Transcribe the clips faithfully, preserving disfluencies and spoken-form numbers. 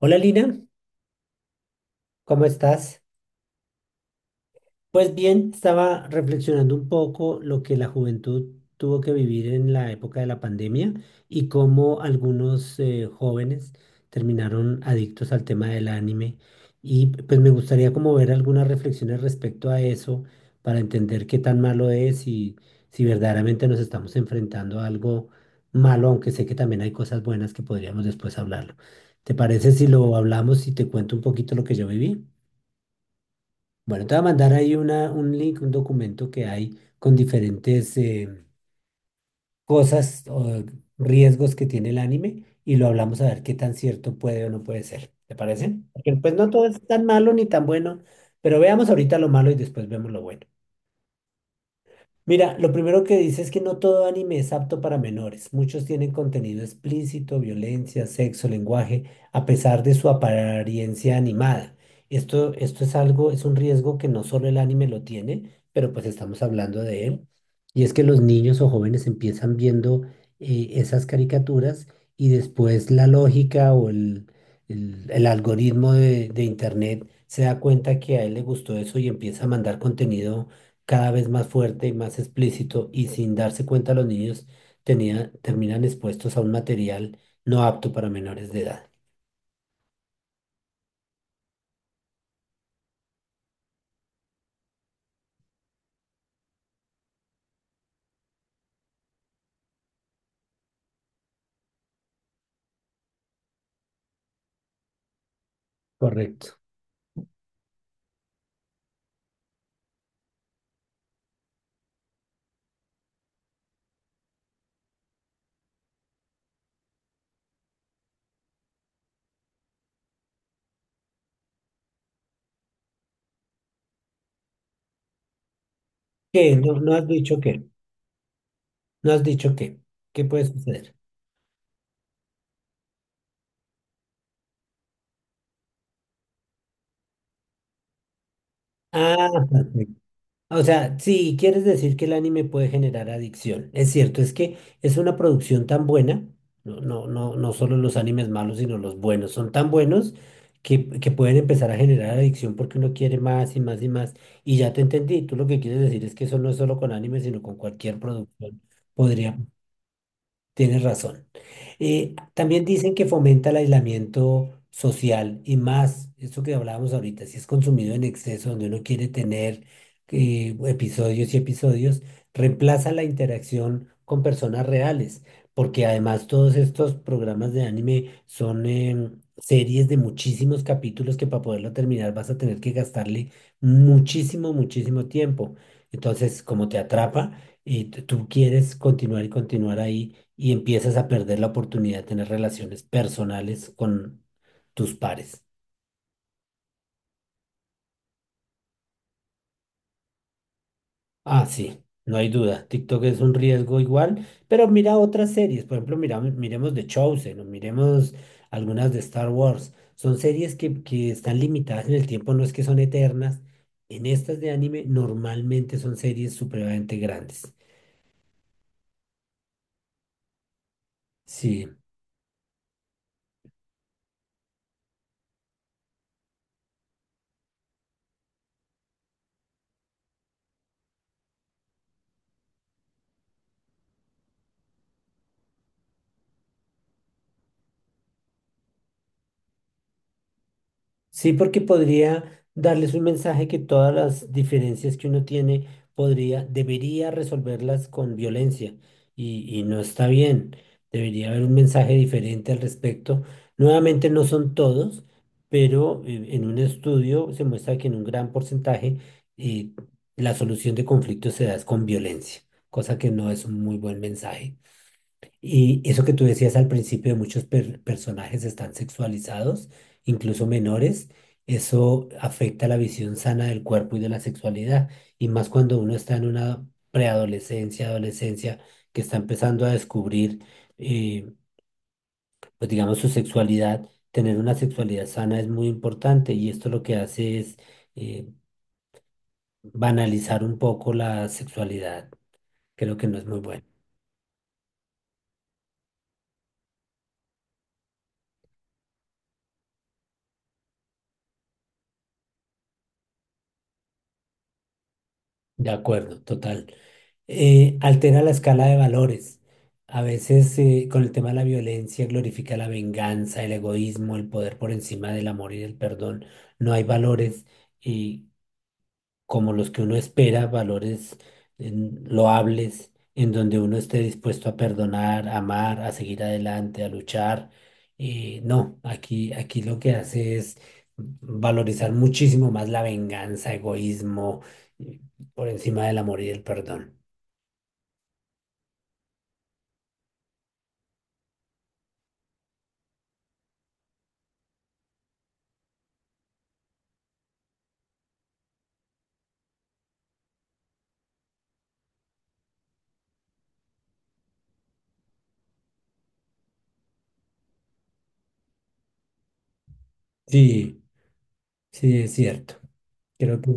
Hola Lina, ¿cómo estás? Pues bien, estaba reflexionando un poco lo que la juventud tuvo que vivir en la época de la pandemia y cómo algunos eh, jóvenes terminaron adictos al tema del anime. Y pues me gustaría como ver algunas reflexiones respecto a eso para entender qué tan malo es y si verdaderamente nos estamos enfrentando a algo malo, aunque sé que también hay cosas buenas que podríamos después hablarlo. ¿Te parece si lo hablamos y te cuento un poquito lo que yo viví? Bueno, te voy a mandar ahí una, un link, un documento que hay con diferentes eh, cosas o riesgos que tiene el anime y lo hablamos a ver qué tan cierto puede o no puede ser. ¿Te parece? Porque pues no todo es tan malo ni tan bueno, pero veamos ahorita lo malo y después vemos lo bueno. Mira, lo primero que dice es que no todo anime es apto para menores. Muchos tienen contenido explícito, violencia, sexo, lenguaje, a pesar de su apariencia animada. Esto, esto es algo, es un riesgo que no solo el anime lo tiene, pero pues estamos hablando de él. Y es que los niños o jóvenes empiezan viendo eh, esas caricaturas y después la lógica o el, el- el algoritmo de, de Internet se da cuenta que a él le gustó eso y empieza a mandar contenido cada vez más fuerte y más explícito y sin darse cuenta los niños tenía- terminan expuestos a un material no apto para menores de edad. Correcto. ¿Qué? No, no has dicho qué. No has dicho qué. ¿Qué puede suceder? Ah, o sea, sí, quieres decir que el anime puede generar adicción. Es cierto, es que es una producción tan buena, no, no, no, no solo los animes malos, sino los buenos, son tan buenos que, que pueden empezar a generar adicción porque uno quiere más y más y más. Y ya te entendí, tú lo que quieres decir es que eso no es solo con anime, sino con cualquier producción. Podría, tienes razón. Eh, también dicen que fomenta el aislamiento social y más, eso que hablábamos ahorita, si es consumido en exceso, donde uno quiere tener eh, episodios y episodios, reemplaza la interacción con personas reales, porque además todos estos programas de anime son em, series de muchísimos capítulos que para poderlo terminar vas a tener que gastarle muchísimo, muchísimo tiempo. Entonces, como te atrapa y t- tú quieres continuar y continuar ahí y empiezas a perder la oportunidad de tener relaciones personales con tus pares. Ah, sí, no hay duda. TikTok es un riesgo igual, pero mira otras series. Por ejemplo, mira, miremos The Chosen o miremos algunas de Star Wars. Son series que, que están limitadas en el tiempo, no es que son eternas. En estas de anime normalmente son series supremamente grandes. Sí. Sí, porque podría darles un mensaje que todas las diferencias que uno tiene podría, debería resolverlas con violencia y, y no está bien. Debería haber un mensaje diferente al respecto. Nuevamente no son todos, pero eh, en un estudio se muestra que en un gran porcentaje eh, la solución de conflictos se da es con violencia, cosa que no es un muy buen mensaje. Y eso que tú decías al principio, de muchos per- personajes están sexualizados, incluso menores, eso afecta la visión sana del cuerpo y de la sexualidad, y más cuando uno está en una preadolescencia, adolescencia, que está empezando a descubrir, eh, pues digamos, su sexualidad, tener una sexualidad sana es muy importante, y esto lo que hace es eh, banalizar un poco la sexualidad, creo que no es muy bueno. De acuerdo, total. Eh, altera la escala de valores. A veces eh, con el tema de la violencia glorifica la venganza, el egoísmo, el poder por encima del amor y del perdón. No hay valores eh, como los que uno espera, valores en- loables, en donde uno esté dispuesto a perdonar, a amar, a seguir adelante, a luchar. Eh, no, aquí, aquí lo que hace es valorizar muchísimo más la venganza, egoísmo, eh, por encima del amor y del perdón. Sí, sí, es cierto. Creo que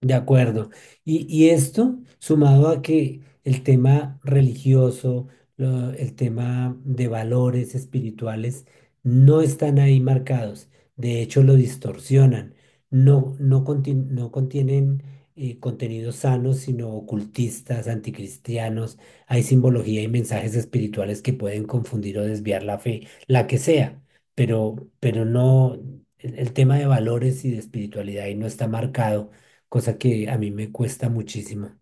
de acuerdo. Y, y esto, sumado a que el tema religioso, lo- el tema de valores espirituales, no están ahí marcados. De hecho, lo distorsionan. No, no, conti- no contienen eh, contenidos sanos, sino ocultistas, anticristianos. Hay simbología y mensajes espirituales que pueden confundir o desviar la fe, la que sea. Pero, pero no, el el tema de valores y de espiritualidad ahí no está marcado, cosa que a mí me cuesta muchísimo.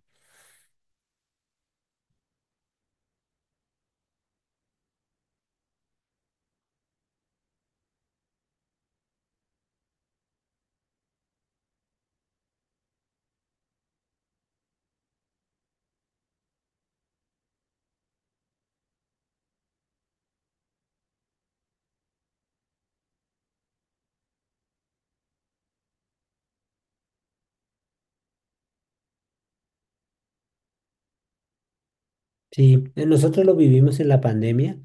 Sí, eh, nosotros lo vivimos en la pandemia.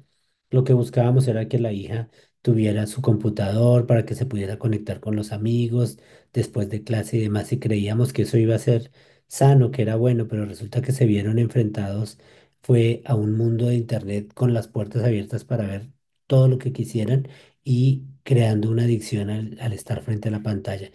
Lo que buscábamos era que la hija tuviera su computador para que se pudiera conectar con los amigos después de clase y demás, y creíamos que eso iba a ser sano, que era bueno, pero resulta que se vieron enfrentados, fue a un mundo de internet con las puertas abiertas para ver todo lo que quisieran y creando una adicción al al estar frente a la pantalla.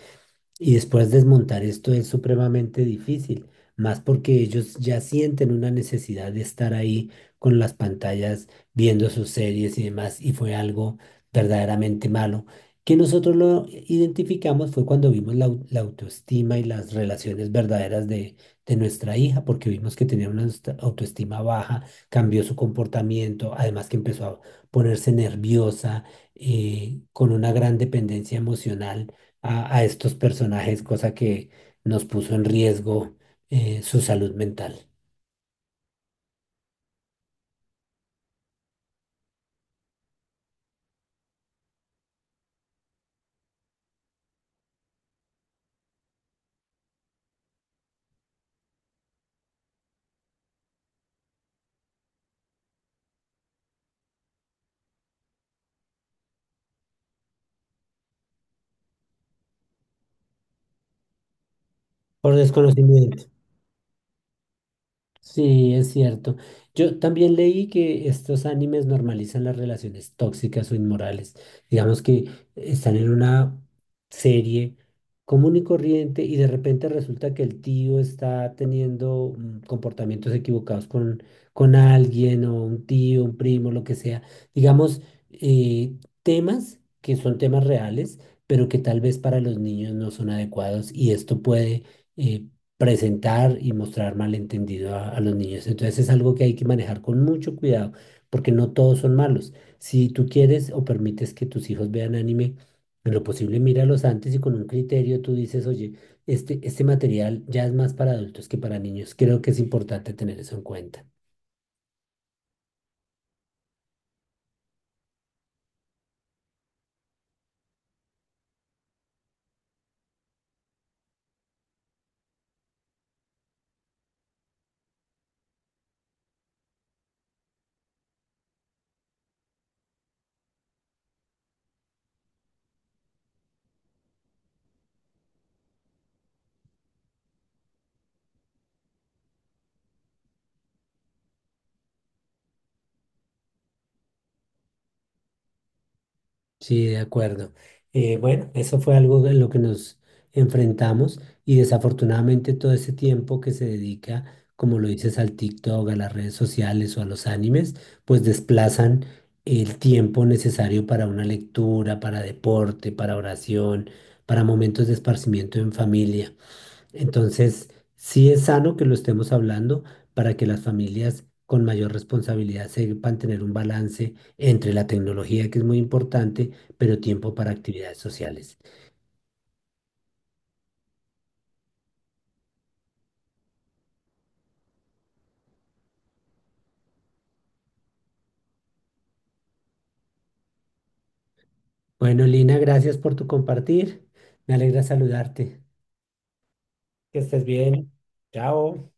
Y después desmontar esto es supremamente difícil, más porque ellos ya sienten una necesidad de estar ahí con las pantallas, viendo sus series y demás, y fue algo verdaderamente malo, que nosotros lo identificamos fue cuando vimos la, au- la autoestima y las relaciones verdaderas de, de nuestra hija, porque vimos que tenía una austa- autoestima baja, cambió su comportamiento, además que empezó a ponerse nerviosa, eh, con una gran dependencia emocional a, a estos personajes, cosa que nos puso en riesgo eh, su salud mental por desconocimiento. Sí, es cierto. Yo también leí que estos animes normalizan las relaciones tóxicas o inmorales. Digamos que están en una serie común y corriente y de repente resulta que el tío está teniendo mm, comportamientos equivocados con, con alguien o un tío, un primo, lo que sea. Digamos, eh, temas que son temas reales, pero que tal vez para los niños no son adecuados y esto puede eh, presentar y mostrar malentendido a, a los niños. Entonces es algo que hay que manejar con mucho cuidado, porque no todos son malos. Si tú quieres o permites que tus hijos vean anime, en lo posible míralos antes y con un criterio tú dices, oye, este, este material ya es más para adultos que para niños. Creo que es importante tener eso en cuenta. Sí, de acuerdo. Eh, bueno, eso fue algo en lo que nos enfrentamos y desafortunadamente todo ese tiempo que se dedica, como lo dices, al TikTok, a las redes sociales o a los animes, pues desplazan el tiempo necesario para una lectura, para deporte, para oración, para momentos de esparcimiento en familia. Entonces, sí es sano que lo estemos hablando para que las familias con mayor responsabilidad sepan tener un balance entre la tecnología, que es muy importante, pero tiempo para actividades sociales. Bueno, Lina, gracias por tu compartir. Me alegra saludarte. Que estés bien. Chao.